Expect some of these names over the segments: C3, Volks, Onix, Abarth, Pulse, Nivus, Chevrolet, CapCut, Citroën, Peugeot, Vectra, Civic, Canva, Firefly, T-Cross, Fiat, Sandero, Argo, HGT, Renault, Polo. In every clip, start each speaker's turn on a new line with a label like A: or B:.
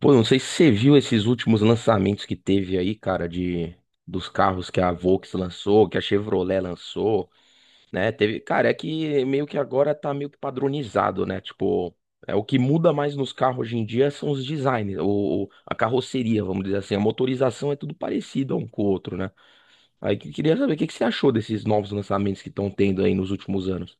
A: Pô, não sei se você viu esses últimos lançamentos que teve aí, cara, de dos carros que a Volks lançou, que a Chevrolet lançou, né? Teve, cara, é que meio que agora tá meio que padronizado, né? Tipo, é o que muda mais nos carros hoje em dia são os designs, ou a carroceria, vamos dizer assim, a motorização é tudo parecido um com o outro, né? Aí que eu queria saber o que que você achou desses novos lançamentos que estão tendo aí nos últimos anos.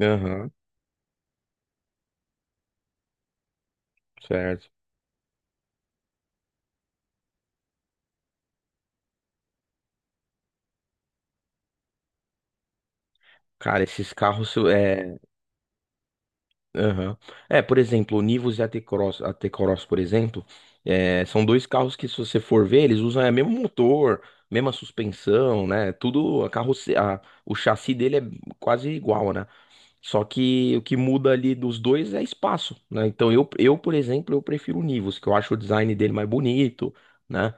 A: Aham, certo. Cara, esses carros. Aham. É, por exemplo, o Nivus e a T-Cross, por exemplo, são dois carros que, se você for ver, eles usam, mesmo motor, mesma suspensão, né? Tudo, o chassi dele é quase igual, né? Só que o que muda ali dos dois é espaço, né? Então, por exemplo, eu prefiro o Nivus, que eu acho o design dele mais bonito, né?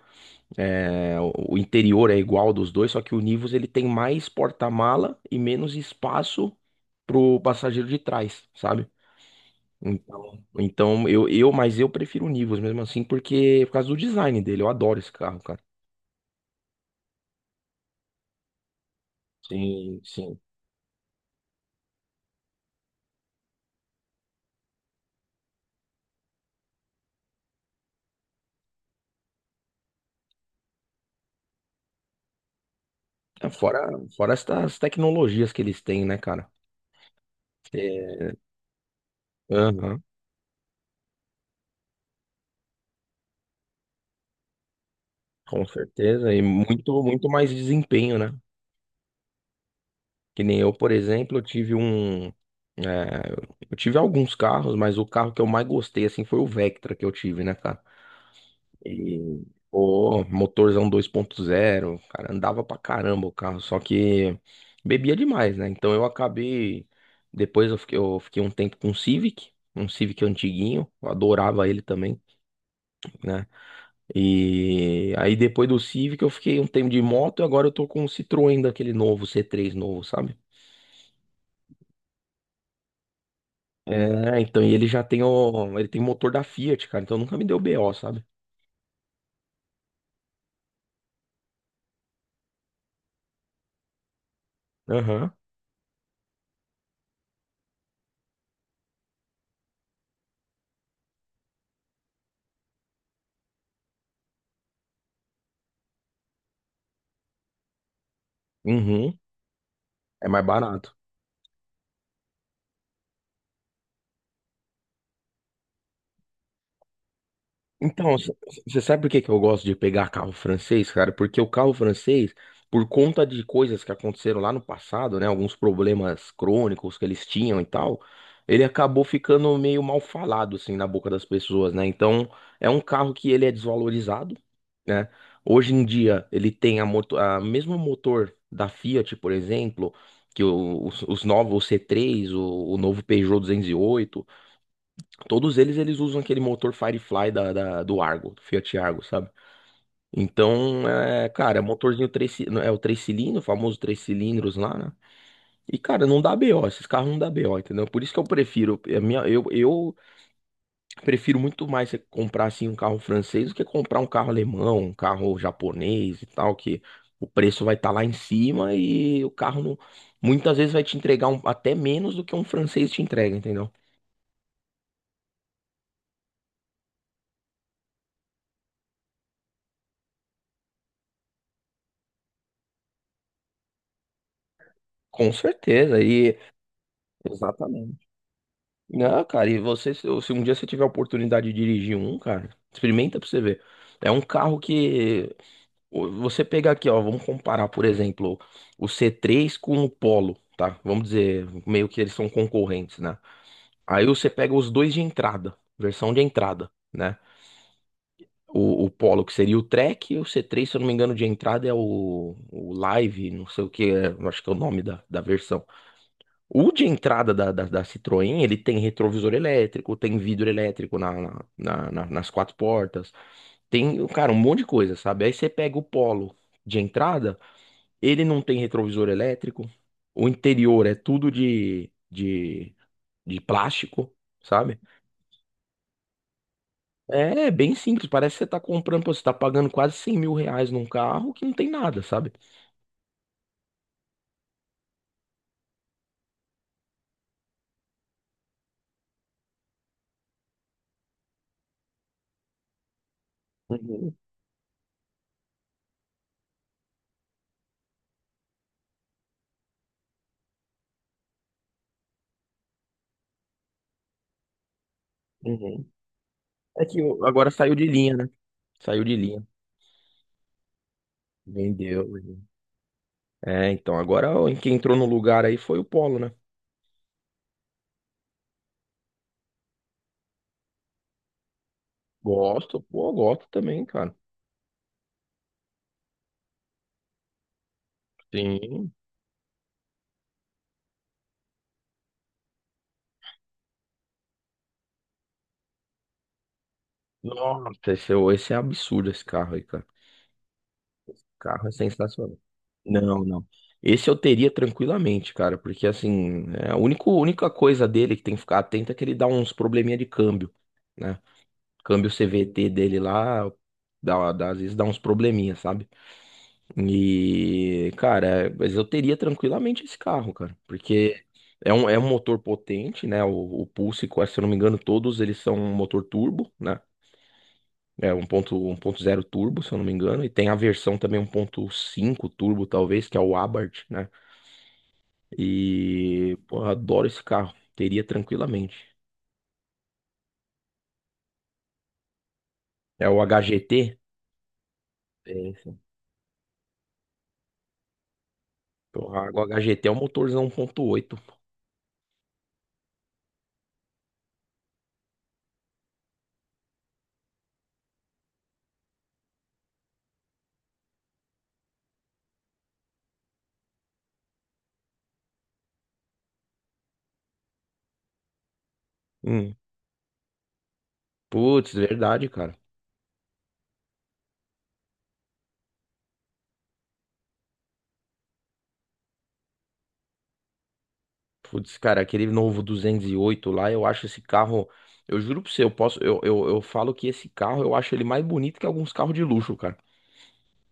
A: É, o interior é igual dos dois, só que o Nivus ele tem mais porta-mala e menos espaço pro passageiro de trás, sabe? Então, mas eu prefiro o Nivus mesmo assim, porque por causa do design dele, eu adoro esse carro, cara. Sim, sim. É, Fora, fora, estas tecnologias que eles têm, né, cara? É, aham, com certeza. E muito, muito mais desempenho, né? Que nem eu, por exemplo, eu tive alguns carros, mas o carro que eu mais gostei, assim, foi o Vectra que eu tive, né, cara? E, pô, motorzão 2.0, cara, andava pra caramba o carro, só que bebia demais, né? Então eu acabei, depois eu fiquei um tempo com um Civic antiguinho, eu adorava ele também, né? E aí depois do Civic eu fiquei um tempo de moto e agora eu tô com um Citroën daquele novo, c três novo, sabe? Então, e ele tem motor da Fiat, cara, então nunca me deu BO, sabe? Aham. Uhum. É mais barato. Então, você sabe por que que eu gosto de pegar carro francês, cara? Porque o carro francês, por conta de coisas que aconteceram lá no passado, né? Alguns problemas crônicos que eles tinham e tal, ele acabou ficando meio mal falado, assim, na boca das pessoas, né? Então, é um carro que ele é desvalorizado, né? Hoje em dia, ele tem a mesmo motor da Fiat, por exemplo, que os novos, o C3, o novo Peugeot 208. Todos eles usam aquele motor Firefly do Argo, do Fiat Argo, sabe? Então, cara, é motorzinho três, é o três cilindros, o famoso três cilindros lá, né? E, cara, não dá BO, esses carros não dá BO, entendeu? Por isso que eu prefiro, é, a minha, eu prefiro muito mais você comprar, assim, um carro francês do que comprar um carro alemão, um carro japonês e tal, que o preço vai estar lá em cima e o carro não, muitas vezes vai te entregar até menos do que um francês te entrega, entendeu? Com certeza, e... Exatamente. Não, cara, e você, se um dia você tiver a oportunidade de dirigir um, cara, experimenta pra você ver. É um carro que você pega aqui, ó, vamos comparar, por exemplo, o C3 com o Polo, tá? Vamos dizer, meio que eles são concorrentes, né? Aí você pega os dois de entrada, versão de entrada, né? O Polo, que seria o Track, e o C3, se eu não me engano, de entrada é o Live, não sei o que, acho que é o nome da, da versão. O de entrada da Citroën, ele tem retrovisor elétrico, tem vidro elétrico nas quatro portas, tem, cara, um monte de coisa, sabe? Aí você pega o Polo de entrada, ele não tem retrovisor elétrico, o interior é tudo de plástico, sabe? É bem simples, parece que você tá comprando, pô, você tá pagando quase 100 mil reais num carro que não tem nada, sabe? Uhum, uhum. É que agora saiu de linha, né? Saiu de linha. Vendeu. Então, agora ó, quem entrou no lugar aí foi o Polo, né? Gosto, pô, gosto também, cara. Sim. Nossa, esse é absurdo esse carro aí, cara. O carro é sensacional. Não, não. Esse eu teria tranquilamente, cara, porque assim, a única, única coisa dele que tem que ficar atento é que ele dá uns probleminha de câmbio, né? Câmbio CVT dele lá, às vezes dá uns probleminha, sabe? E, cara, mas eu teria tranquilamente esse carro, cara, porque é um motor potente, né? O Pulse, se eu não me engano, todos eles são um motor turbo, né? É um 1.0 turbo, se eu não me engano, e tem a versão também 1.5 turbo, talvez, que é o Abarth, né? E, pô, eu adoro esse carro, teria tranquilamente. É o HGT? Tem, sim. Porra, o HGT é um motorzão 1.8. Hum. Putz, verdade, cara. Putz, cara, aquele novo 208 lá, eu acho esse carro. Eu juro pra você, eu posso. Eu falo que esse carro eu acho ele mais bonito que alguns carros de luxo, cara.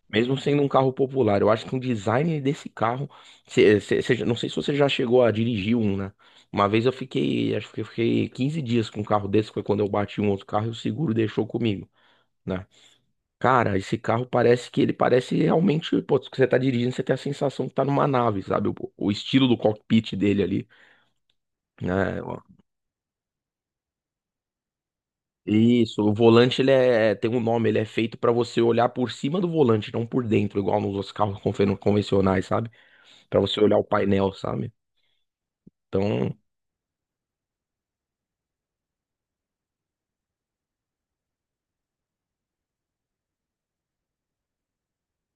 A: Mesmo sendo um carro popular, eu acho que o design desse carro. Não sei se você já chegou a dirigir um, né? Uma vez eu fiquei. Acho que eu fiquei 15 dias com um carro desse, foi quando eu bati um outro carro e o seguro deixou comigo, né? Cara, esse carro parece que ele parece realmente. Pô, que você tá dirigindo, você tem a sensação que tá numa nave, sabe? O estilo do cockpit dele ali, né? Isso, o volante ele tem um nome, ele é feito pra você olhar por cima do volante, não por dentro, igual nos outros carros convencionais, sabe? Pra você olhar o painel, sabe? Então,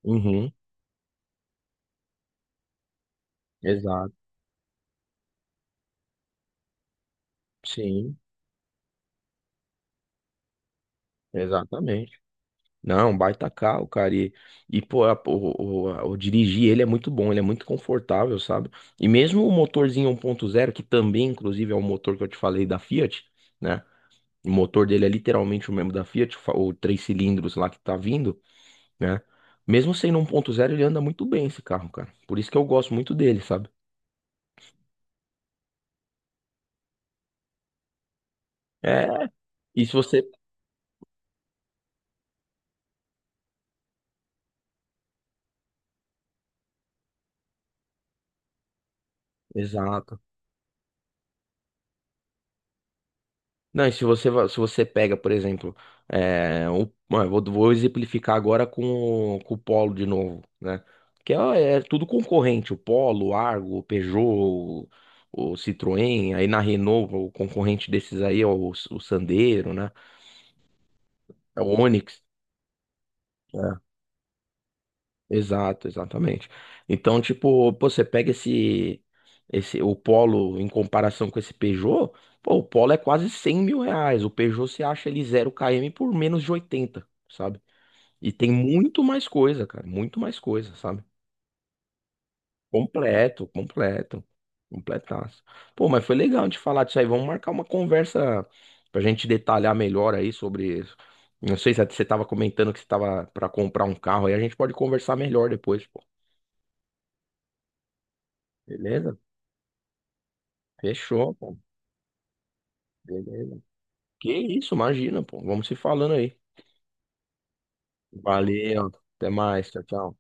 A: uhum, exato, sim, exatamente. Não, baita carro, cara. E pô, o dirigir ele é muito bom, ele é muito confortável, sabe? E mesmo o motorzinho 1.0, que também, inclusive, é o motor que eu te falei da Fiat, né? O motor dele é literalmente o mesmo da Fiat, o três cilindros lá que tá vindo, né? Mesmo sendo 1.0, ele anda muito bem esse carro, cara. Por isso que eu gosto muito dele, sabe? É, e se você. Exato. Não, e se você, se você pega, por exemplo, bom, eu vou exemplificar agora com o Polo de novo, né? Que é tudo concorrente, o Polo, o Argo, o Peugeot, o, Citroën, aí na Renault, o concorrente desses aí é o Sandero, né? É o Onix, né? Exato, exatamente. Então, tipo, pô, você pega o Polo em comparação com esse Peugeot, pô, o Polo é quase 100 mil reais. O Peugeot você acha ele 0 km por menos de 80, sabe? E tem muito mais coisa, cara, muito mais coisa, sabe? Completo, completo, completaço. Pô, mas foi legal de falar disso aí. Vamos marcar uma conversa pra gente detalhar melhor aí sobre isso. Não sei se você tava comentando que você tava pra comprar um carro aí, a gente pode conversar melhor depois, pô. Beleza? Fechou, pô. Beleza. Que isso, imagina, pô. Vamos se falando aí. Valeu. Até mais. Tchau, tchau.